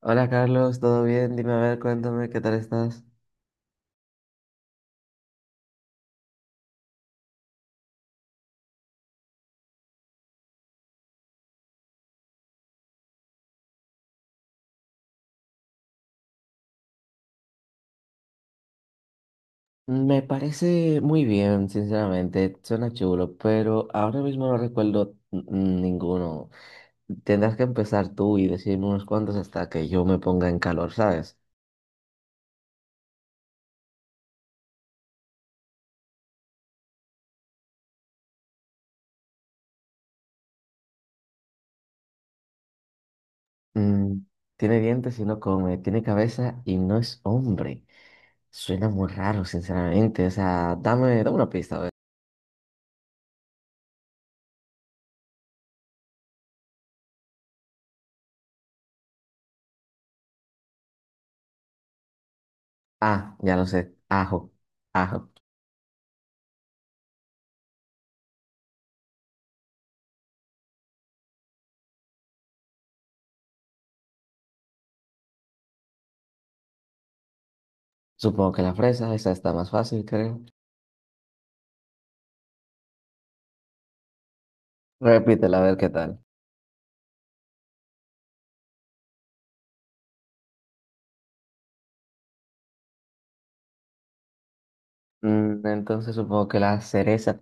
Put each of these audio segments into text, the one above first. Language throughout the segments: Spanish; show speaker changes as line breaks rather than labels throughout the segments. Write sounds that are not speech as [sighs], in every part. Hola Carlos, ¿todo bien? Dime a ver, cuéntame, ¿qué tal estás? Me parece muy bien, sinceramente, suena chulo, pero ahora mismo no recuerdo ninguno. Tendrás que empezar tú y decirme unos cuantos hasta que yo me ponga en calor, ¿sabes? Mm, tiene dientes y no come, tiene cabeza y no es hombre. Suena muy raro, sinceramente, o sea, dame una pista, a ver. Ah, ya lo sé, ajo, ajo. Supongo que la fresa, esa está más fácil, creo. Repítela, a ver qué tal. Entonces supongo que las cerezas.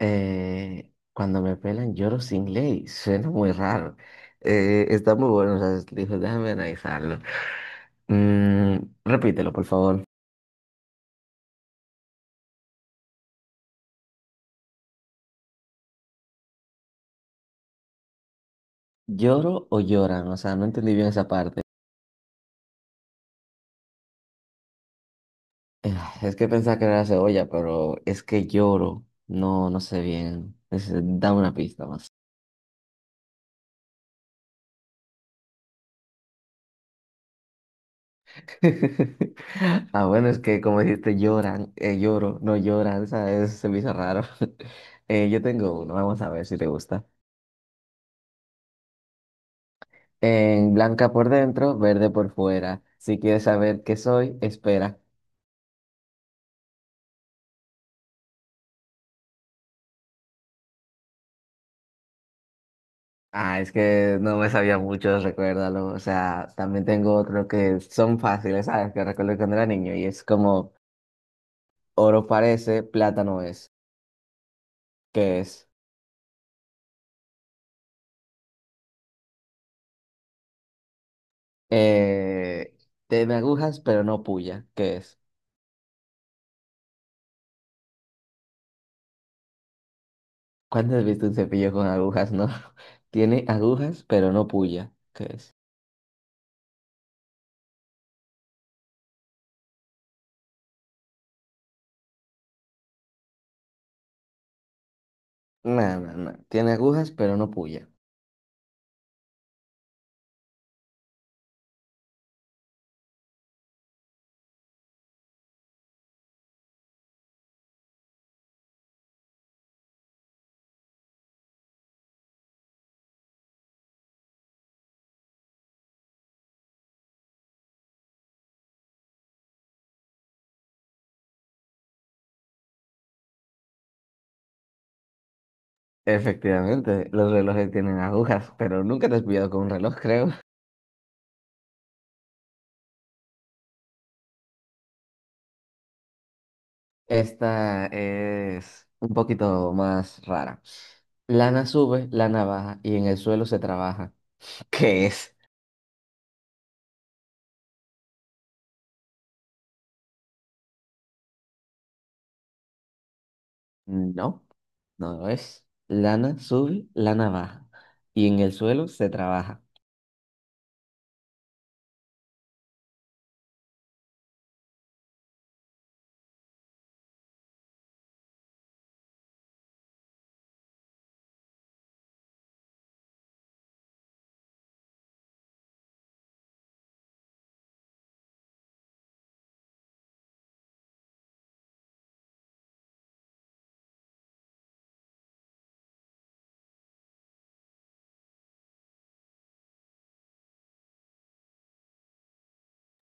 Cuando me pelan lloro sin ley, suena muy raro. Está muy bueno, o sea, dijo, déjame analizarlo. Mm, repítelo, por favor. ¿Lloro o lloran? O sea, no entendí bien esa parte. [sighs] Eh, Es que pensaba que era la cebolla, pero es que lloro. No, no sé bien. Dame una pista más. [laughs] Ah, bueno, es que como dijiste, lloran, lloro, no lloran, ¿sabes? Se me hizo raro. [laughs] Yo tengo uno, vamos a ver si te gusta. En blanca por dentro, verde por fuera. Si quieres saber qué soy, espera. Ah, es que no me sabía mucho, recuérdalo. O sea, también tengo otro que son fáciles, ¿sabes? Que recuerdo cuando era niño y es como oro parece, plátano es. ¿Qué es? Eh, tiene agujas, pero no puya. ¿Qué es? ¿Cuándo has visto un cepillo con agujas? No. [laughs] Tiene agujas, pero no puya. ¿Qué es? No, no, no. Tiene agujas, pero no puya. Efectivamente, los relojes tienen agujas, pero nunca te has pillado con un reloj, creo. [laughs] Esta es un poquito más rara. Lana sube, lana baja y en el suelo se trabaja. [laughs] ¿Qué es? No, no lo es. Lana sube, lana baja y en el suelo se trabaja.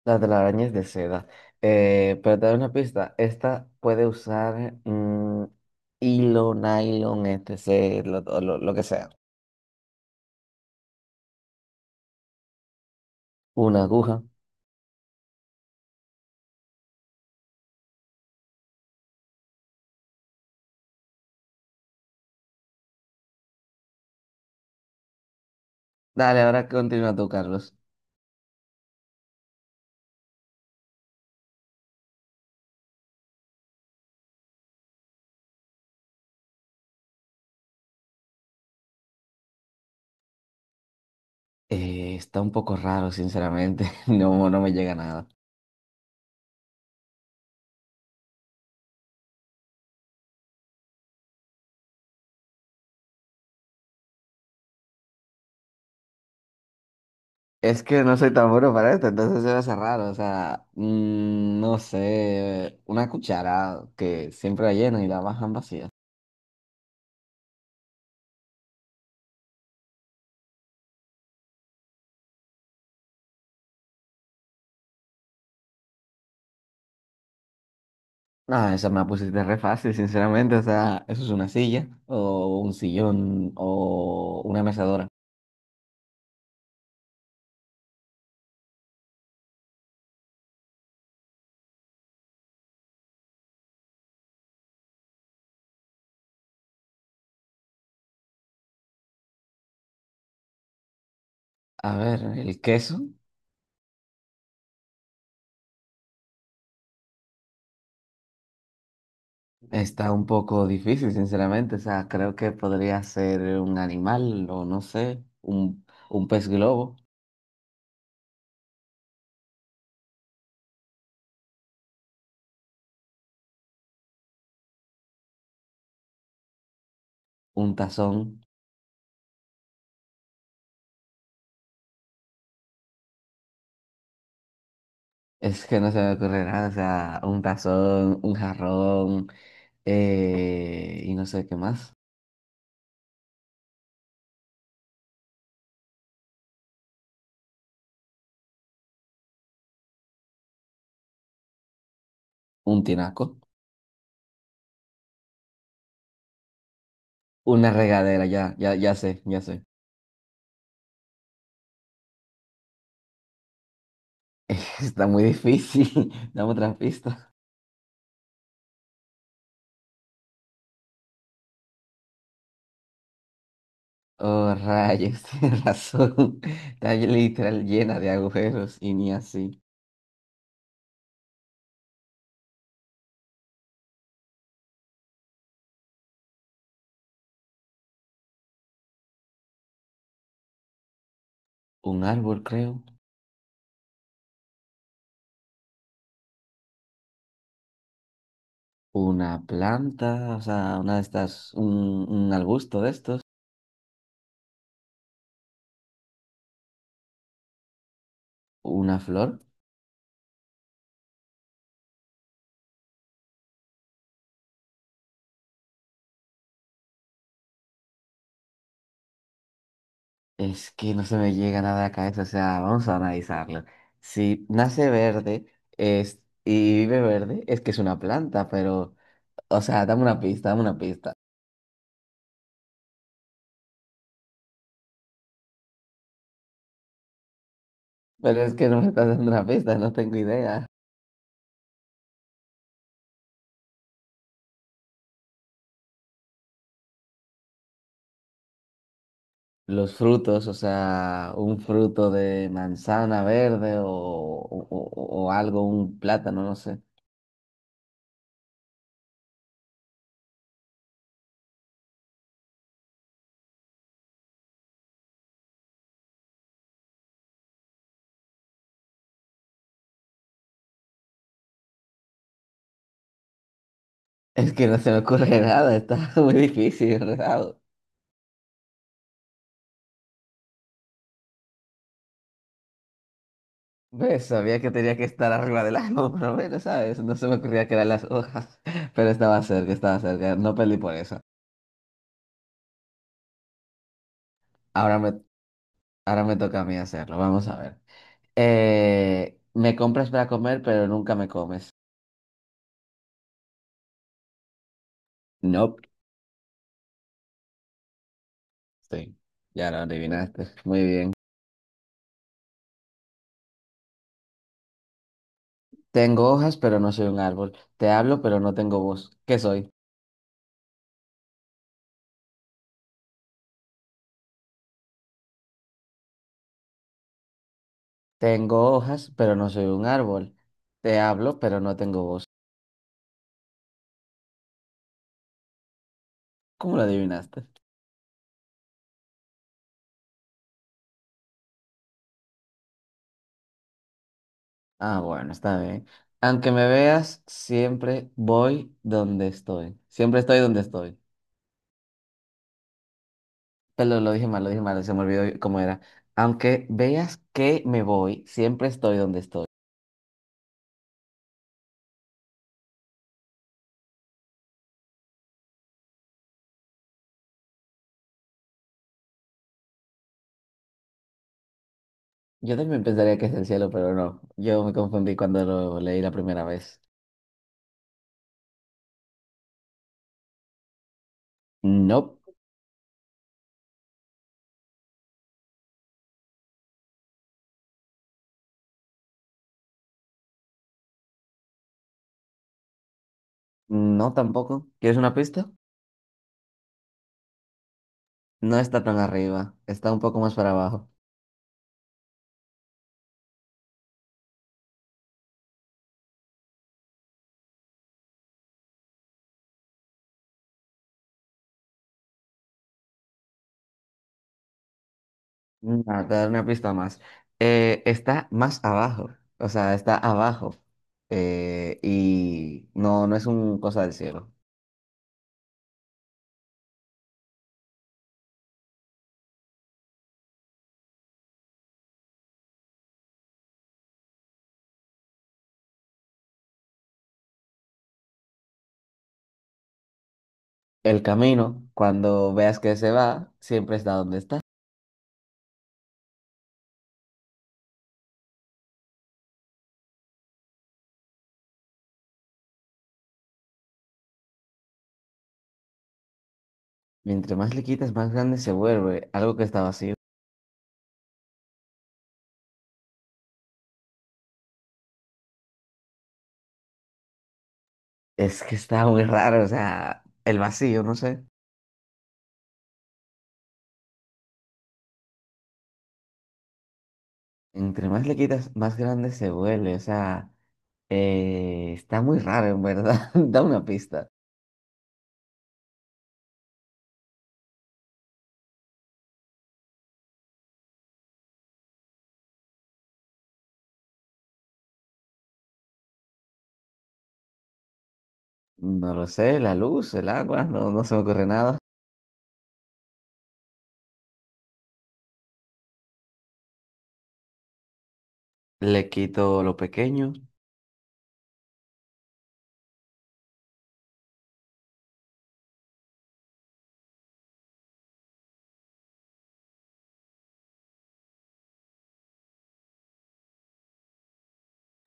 Las de la araña de seda. Pero te doy una pista. Esta puede usar hilo, nylon, etc., lo que sea. Una aguja. Dale, ahora continúa tú, Carlos. Está un poco raro, sinceramente. [laughs] No, no me llega nada. Es que no soy tan bueno para esto, entonces se me hace raro. O sea, no sé, una cuchara que siempre la llenan y la bajan vacía. No, esa me la pusiste re fácil, sinceramente. O sea, eso es una silla, o un sillón, o una mecedora. A ver, el queso está un poco difícil, sinceramente. O sea, creo que podría ser un animal, o no sé, un pez globo, un tazón. Es que no se me ocurre nada. O sea, un tazón, un jarrón, y no sé qué más. Un tinaco, una regadera, ya, ya, ya sé, ya sé. [laughs] Está muy difícil. [laughs] Dame otra pista. Oh, rayos, [laughs] tienes razón. Está literal llena de agujeros y ni así. Un árbol, creo. Una planta, o sea, una de estas, un arbusto de estos. Una flor. Es que no se me llega nada a la cabeza, o sea, vamos a analizarlo. Si nace verde es, y vive verde, es que es una planta, pero, o sea, dame una pista, dame una pista. Pero es que no me estás dando una pista, no tengo idea. Los frutos, o sea, un fruto de manzana verde o algo, un plátano, no sé. Es que no se me ocurre nada, está [laughs] muy difícil, ¿verdad? Pues sabía que tenía que estar arriba del árbol, [laughs] por lo menos, ¿sabes? No se me ocurría que eran las hojas, [laughs] pero estaba cerca, no perdí por eso. Ahora me, ahora me toca a mí hacerlo, vamos a ver. Me compras para comer, pero nunca me comes. No, sí, ya lo adivinaste, muy bien. Tengo hojas, pero no soy un árbol. Te hablo, pero no tengo voz. ¿Qué soy? Tengo hojas, pero no soy un árbol. Te hablo, pero no tengo voz. ¿Cómo lo adivinaste? Ah, bueno, está bien. Aunque me veas, siempre voy donde estoy. Siempre estoy donde estoy. Pero lo dije mal, se me olvidó cómo era. Aunque veas que me voy, siempre estoy donde estoy. Yo también pensaría que es el cielo, pero no. Yo me confundí cuando lo leí la primera vez. No, no tampoco. ¿Quieres una pista? No está tan arriba, está un poco más para abajo. No, te voy a dar una pista más. Está más abajo, o sea, está abajo. Y no, no es un cosa del cielo. El camino, cuando veas que se va, siempre está donde está. Mientras más le quitas, más grande se vuelve. Algo que está vacío. Es que está muy raro, o sea, el vacío, no sé. Entre más le quitas, más grande se vuelve. O sea, está muy raro, en verdad. [laughs] Da una pista. No lo sé, la luz, el agua, no, no se me ocurre nada. Le quito lo pequeño.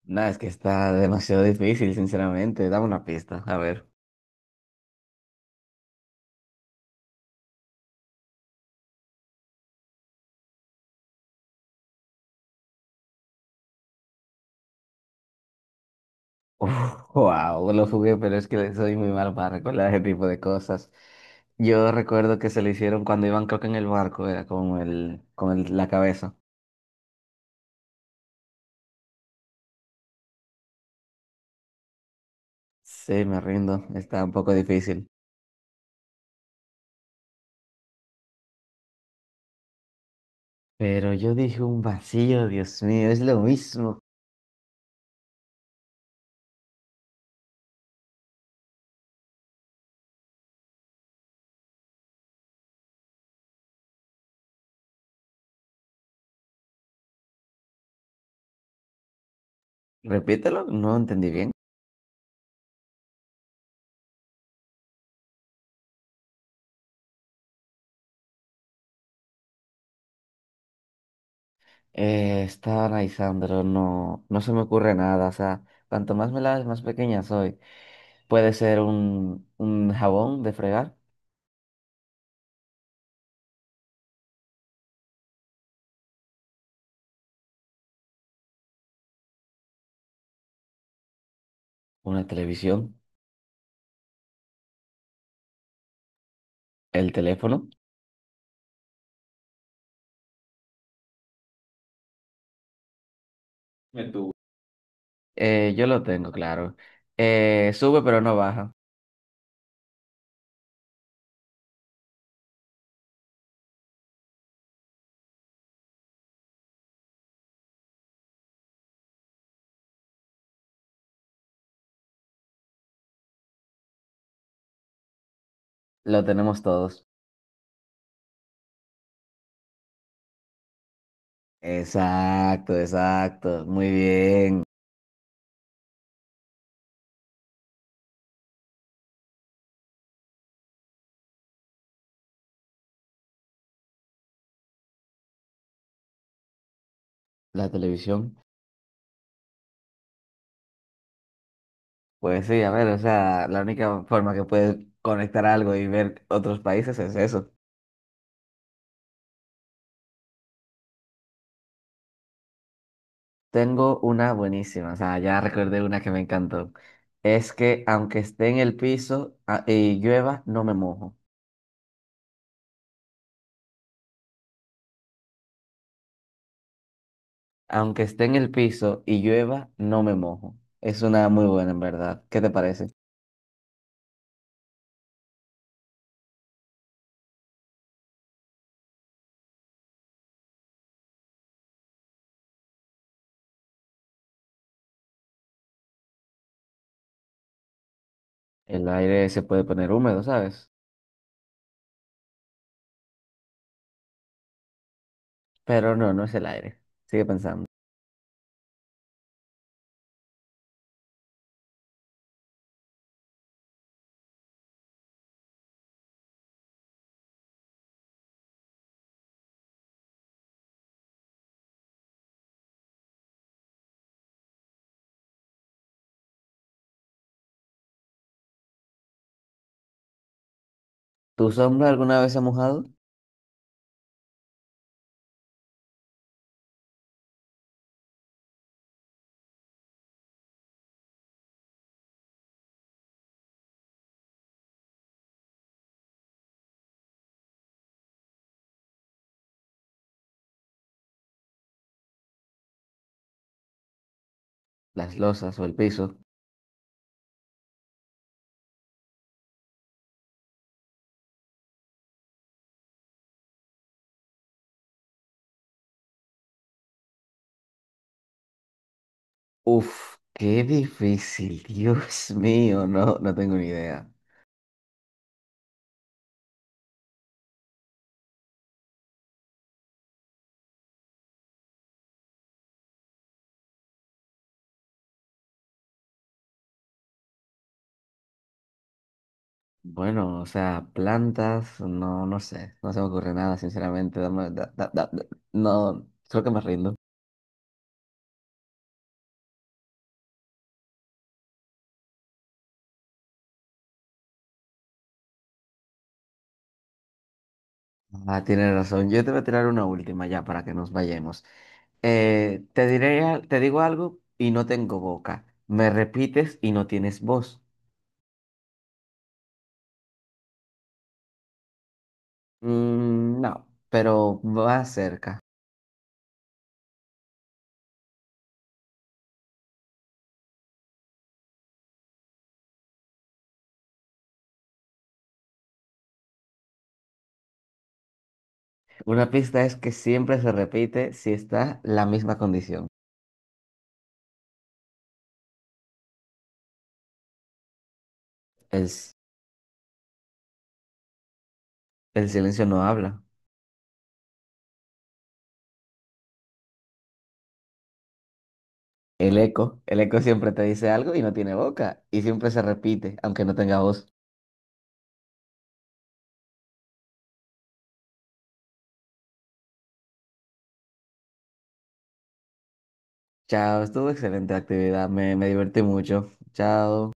Nada, es que está demasiado difícil, sinceramente. Dame una pista, a ver. [laughs] Uf, wow, lo jugué, pero es que soy muy mal para recordar ese tipo de cosas. Yo recuerdo que se lo hicieron cuando iban, creo que en el barco, era la cabeza. Sí, me rindo, está un poco difícil. Pero yo dije un vacío, Dios mío, es lo mismo. Repítelo, no entendí bien. Estaba analizando, no, no se me ocurre nada. O sea, cuanto más me laves, más pequeña soy. Puede ser un jabón de fregar, una televisión, el teléfono. Yo lo tengo, claro. Sube pero no baja. Lo tenemos todos. Exacto, exacto. Muy bien. La televisión. Pues sí, a ver, o sea, la única forma que puedes conectar algo y ver otros países es eso. Tengo una buenísima, o sea, ya recordé una que me encantó. Es que aunque esté en el piso y llueva, no me mojo. Aunque esté en el piso y llueva, no me mojo. Es una muy buena, en verdad. ¿Qué te parece? El aire se puede poner húmedo, ¿sabes? Pero no, no es el aire. Sigue pensando. ¿Tu sombra alguna vez se ha mojado? Las losas o el piso. Uf, qué difícil. [laughs] Dios mío, no, no tengo ni idea. Bueno, o sea, plantas, no, no sé, no se me ocurre nada, sinceramente. No, creo que me rindo. Ah, tienes razón. Yo te voy a tirar una última ya para que nos vayamos. Te diré, te digo algo y no tengo boca. Me repites y no tienes voz. Mm, no, pero va cerca. Una pista es que siempre se repite si está la misma condición. El, s- el silencio no habla. El eco siempre te dice algo y no tiene boca, y siempre se repite, aunque no tenga voz. Chao, estuvo excelente la actividad, me divertí mucho. Chao.